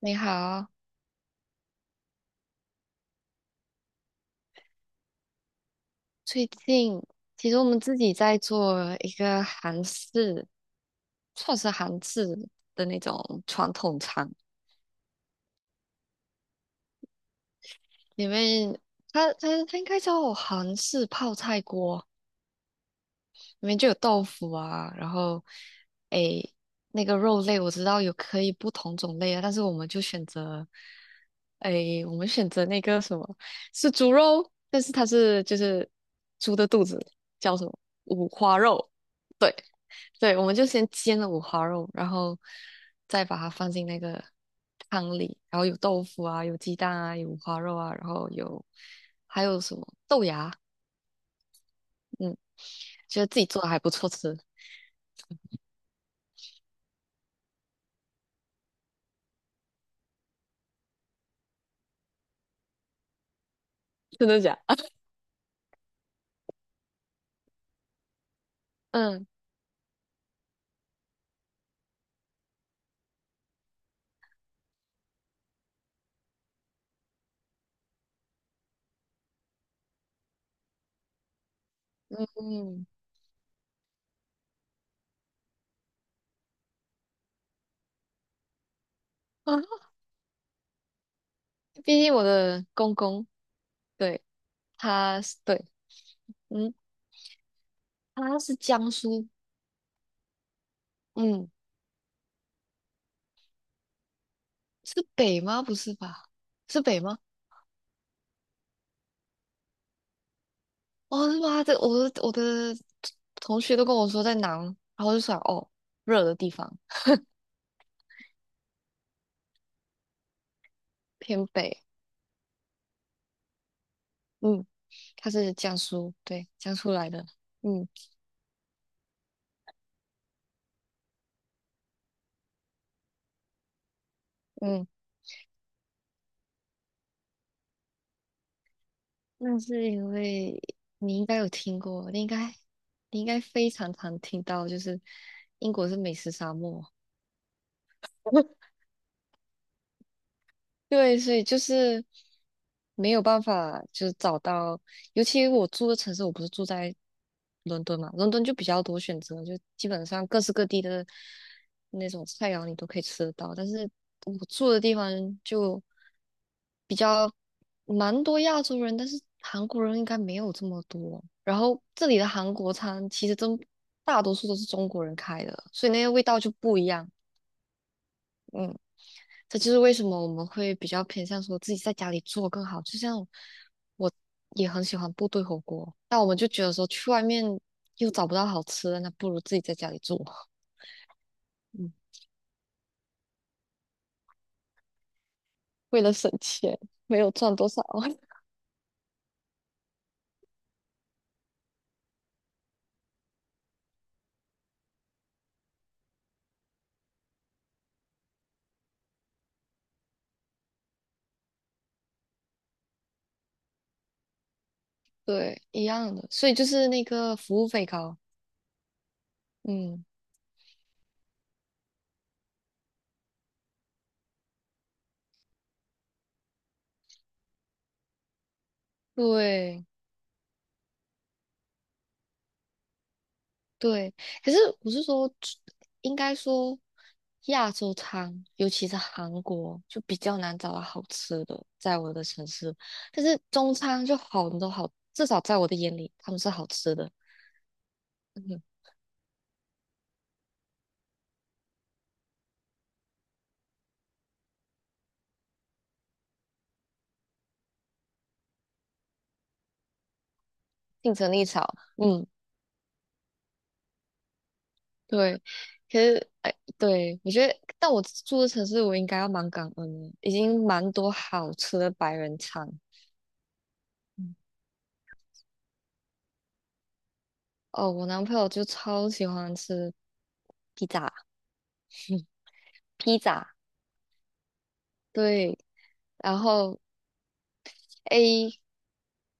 你好。最近其实我们自己在做一个韩式，算是韩式的那种传统餐，里面它应该叫韩式泡菜锅，里面就有豆腐啊，然后诶，那个肉类我知道有可以不同种类啊，但是我们就选择我们选择那个什么是猪肉，但是它是猪的肚子叫什么五花肉。对对，我们就先煎了五花肉，然后再把它放进那个汤里，然后有豆腐啊，有鸡蛋啊，有五花肉啊，然后有还有什么豆芽。嗯，觉得自己做的还不错吃。真的假？嗯嗯啊 毕竟我的公公对他是对。嗯，他是江苏。嗯，是北吗？不是吧？是北吗？哦是吧？这我的同学都跟我说在南，然后我就想哦热的地方偏北。嗯，他是江苏，对，江苏来的。嗯嗯，那是因为你应该有听过，你应该非常常听到就是英国是美食沙漠。对，所以就是没有办法，就是找到，尤其我住的城市，我不是住在伦敦嘛，伦敦就比较多选择，就基本上各式各地的那种菜肴你都可以吃得到。但是我住的地方就比较蛮多亚洲人，但是韩国人应该没有这么多。然后这里的韩国餐其实真大多数都是中国人开的，所以那个味道就不一样。嗯。这就是为什么我们会比较偏向说自己在家里做更好。就像我也很喜欢部队火锅，但我们就觉得说去外面又找不到好吃的，那不如自己在家里做。嗯，为了省钱，没有赚多少。对，一样的，所以就是那个服务费高。嗯，对。对，可是我是说，应该说亚洲餐，尤其是韩国，就比较难找到好吃的，在我的城市。但是中餐就好多好，至少在我的眼里，他们是好吃的。嗯，竞争力少。嗯，对。可是，哎，对，我觉得，但我住的城市，我应该要蛮感恩的，已经蛮多好吃的白人餐。嗯，哦，我男朋友就超喜欢吃披萨。披萨。对，然后 A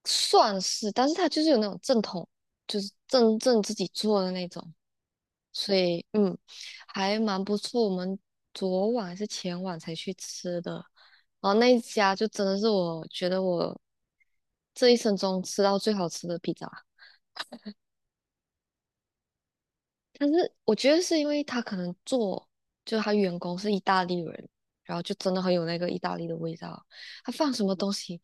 算是，但是它就是有那种正统，就是真正自己做的那种，所以还蛮不错。我们昨晚还是前晚才去吃的，然后那一家就真的是我觉得我这一生中吃到最好吃的披萨。但是我觉得是因为他可能做，就是他员工是意大利人，然后就真的很有那个意大利的味道。他放什么东西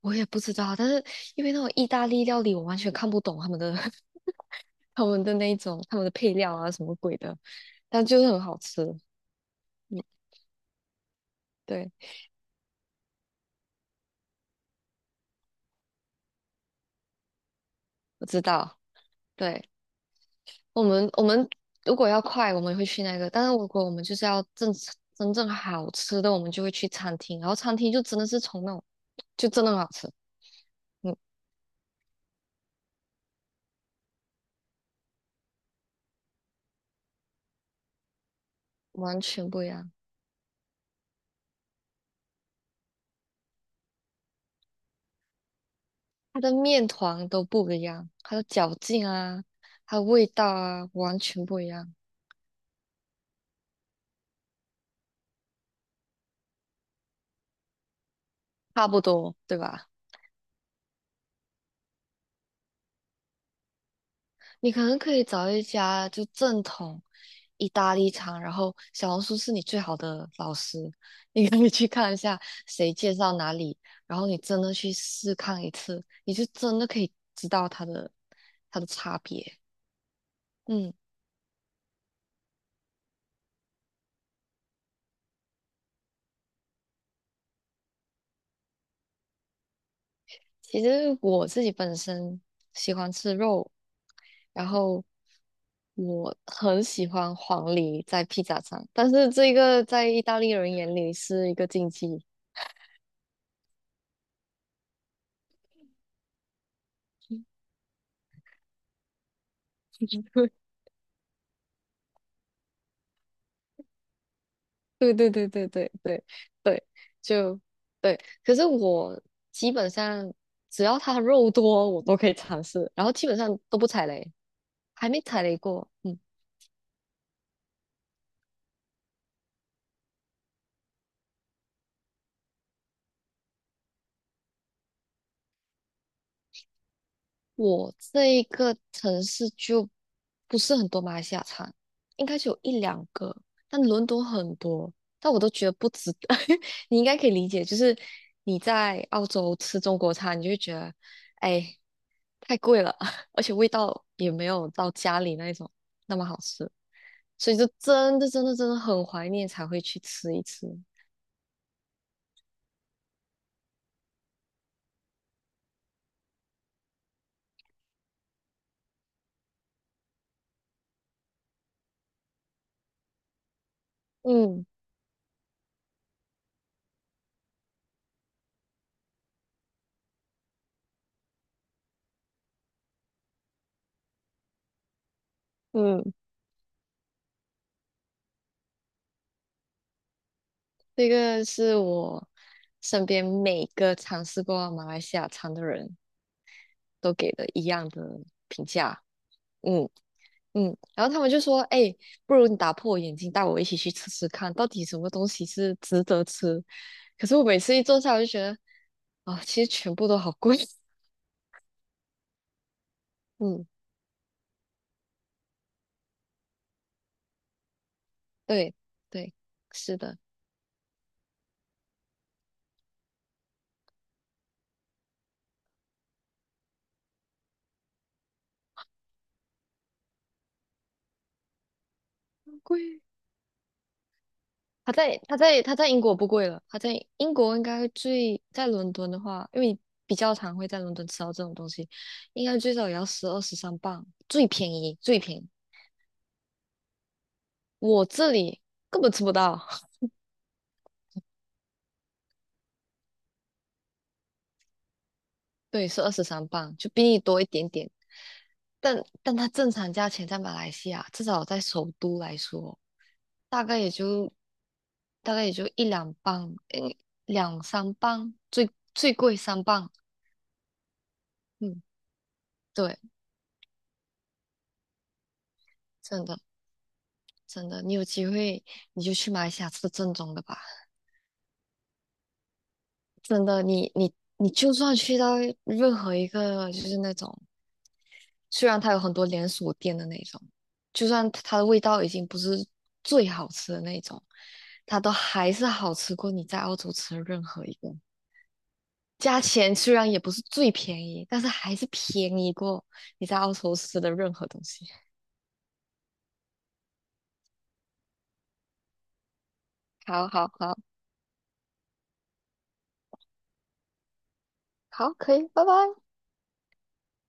我也不知道，但是因为那种意大利料理，我完全看不懂他们的 他们的配料啊什么鬼的，但就是很好吃。嗯，对，我知道。对，我们如果要快，我们会去那个；但是如果我们就是要正真正好吃的，我们就会去餐厅。然后餐厅就真的是从那种就真的很好吃。嗯。完全不一样，它的面团都不一样，它的嚼劲啊，它的味道啊，完全不一样，差不多，对吧？你可能可以找一家就正统意大利餐，然后小红书是你最好的老师，你可以去看一下谁介绍哪里，然后你真的去试看一次，你就真的可以知道它的差别。嗯，其实我自己本身喜欢吃肉，然后。我很喜欢黄梨在披萨上，但是这个在意大利人眼里是一个禁忌。对对对对对对对，就对。可是我基本上只要它肉多，我都可以尝试，然后基本上都不踩雷，还没踩雷过。嗯。我这一个城市就不是很多马来西亚餐，应该是有一两个，但伦敦很多，但我都觉得不值得。你应该可以理解，就是你在澳洲吃中国餐，你就会觉得，哎，太贵了，而且味道也没有到家里那一种那么好吃，所以就真的真的真的很怀念才会去吃一次。嗯嗯，这个是我身边每个尝试过马来西亚餐的人。都给了一样的评价。嗯嗯，然后他们就说，哎，不如你打破我眼睛，带我一起去吃吃看，到底什么东西是值得吃。可是我每次一坐下，我就觉得，啊、其实全部都好贵。嗯，对对，是的。很贵。他在英国不贵了，他在英国应该最在伦敦的话，因为你比较常会在伦敦吃到这种东西，应该最少也要12、13磅，最便宜最便宜。我这里根本吃不到，对，是二十三磅，就比你多一点点。但但它正常价钱在马来西亚，至少在首都来说，大概也就大概也就1、2磅，嗯，2、3磅，最最贵三磅。嗯，对，真的真的，你有机会你就去马来西亚吃正宗的吧。真的，你就算去到任何一个就是那种虽然它有很多连锁店的那种，就算它的味道已经不是最好吃的那种，它都还是好吃过你在澳洲吃的任何一个。价钱虽然也不是最便宜，但是还是便宜过你在澳洲吃的任何东西。好好好好，可以，拜拜。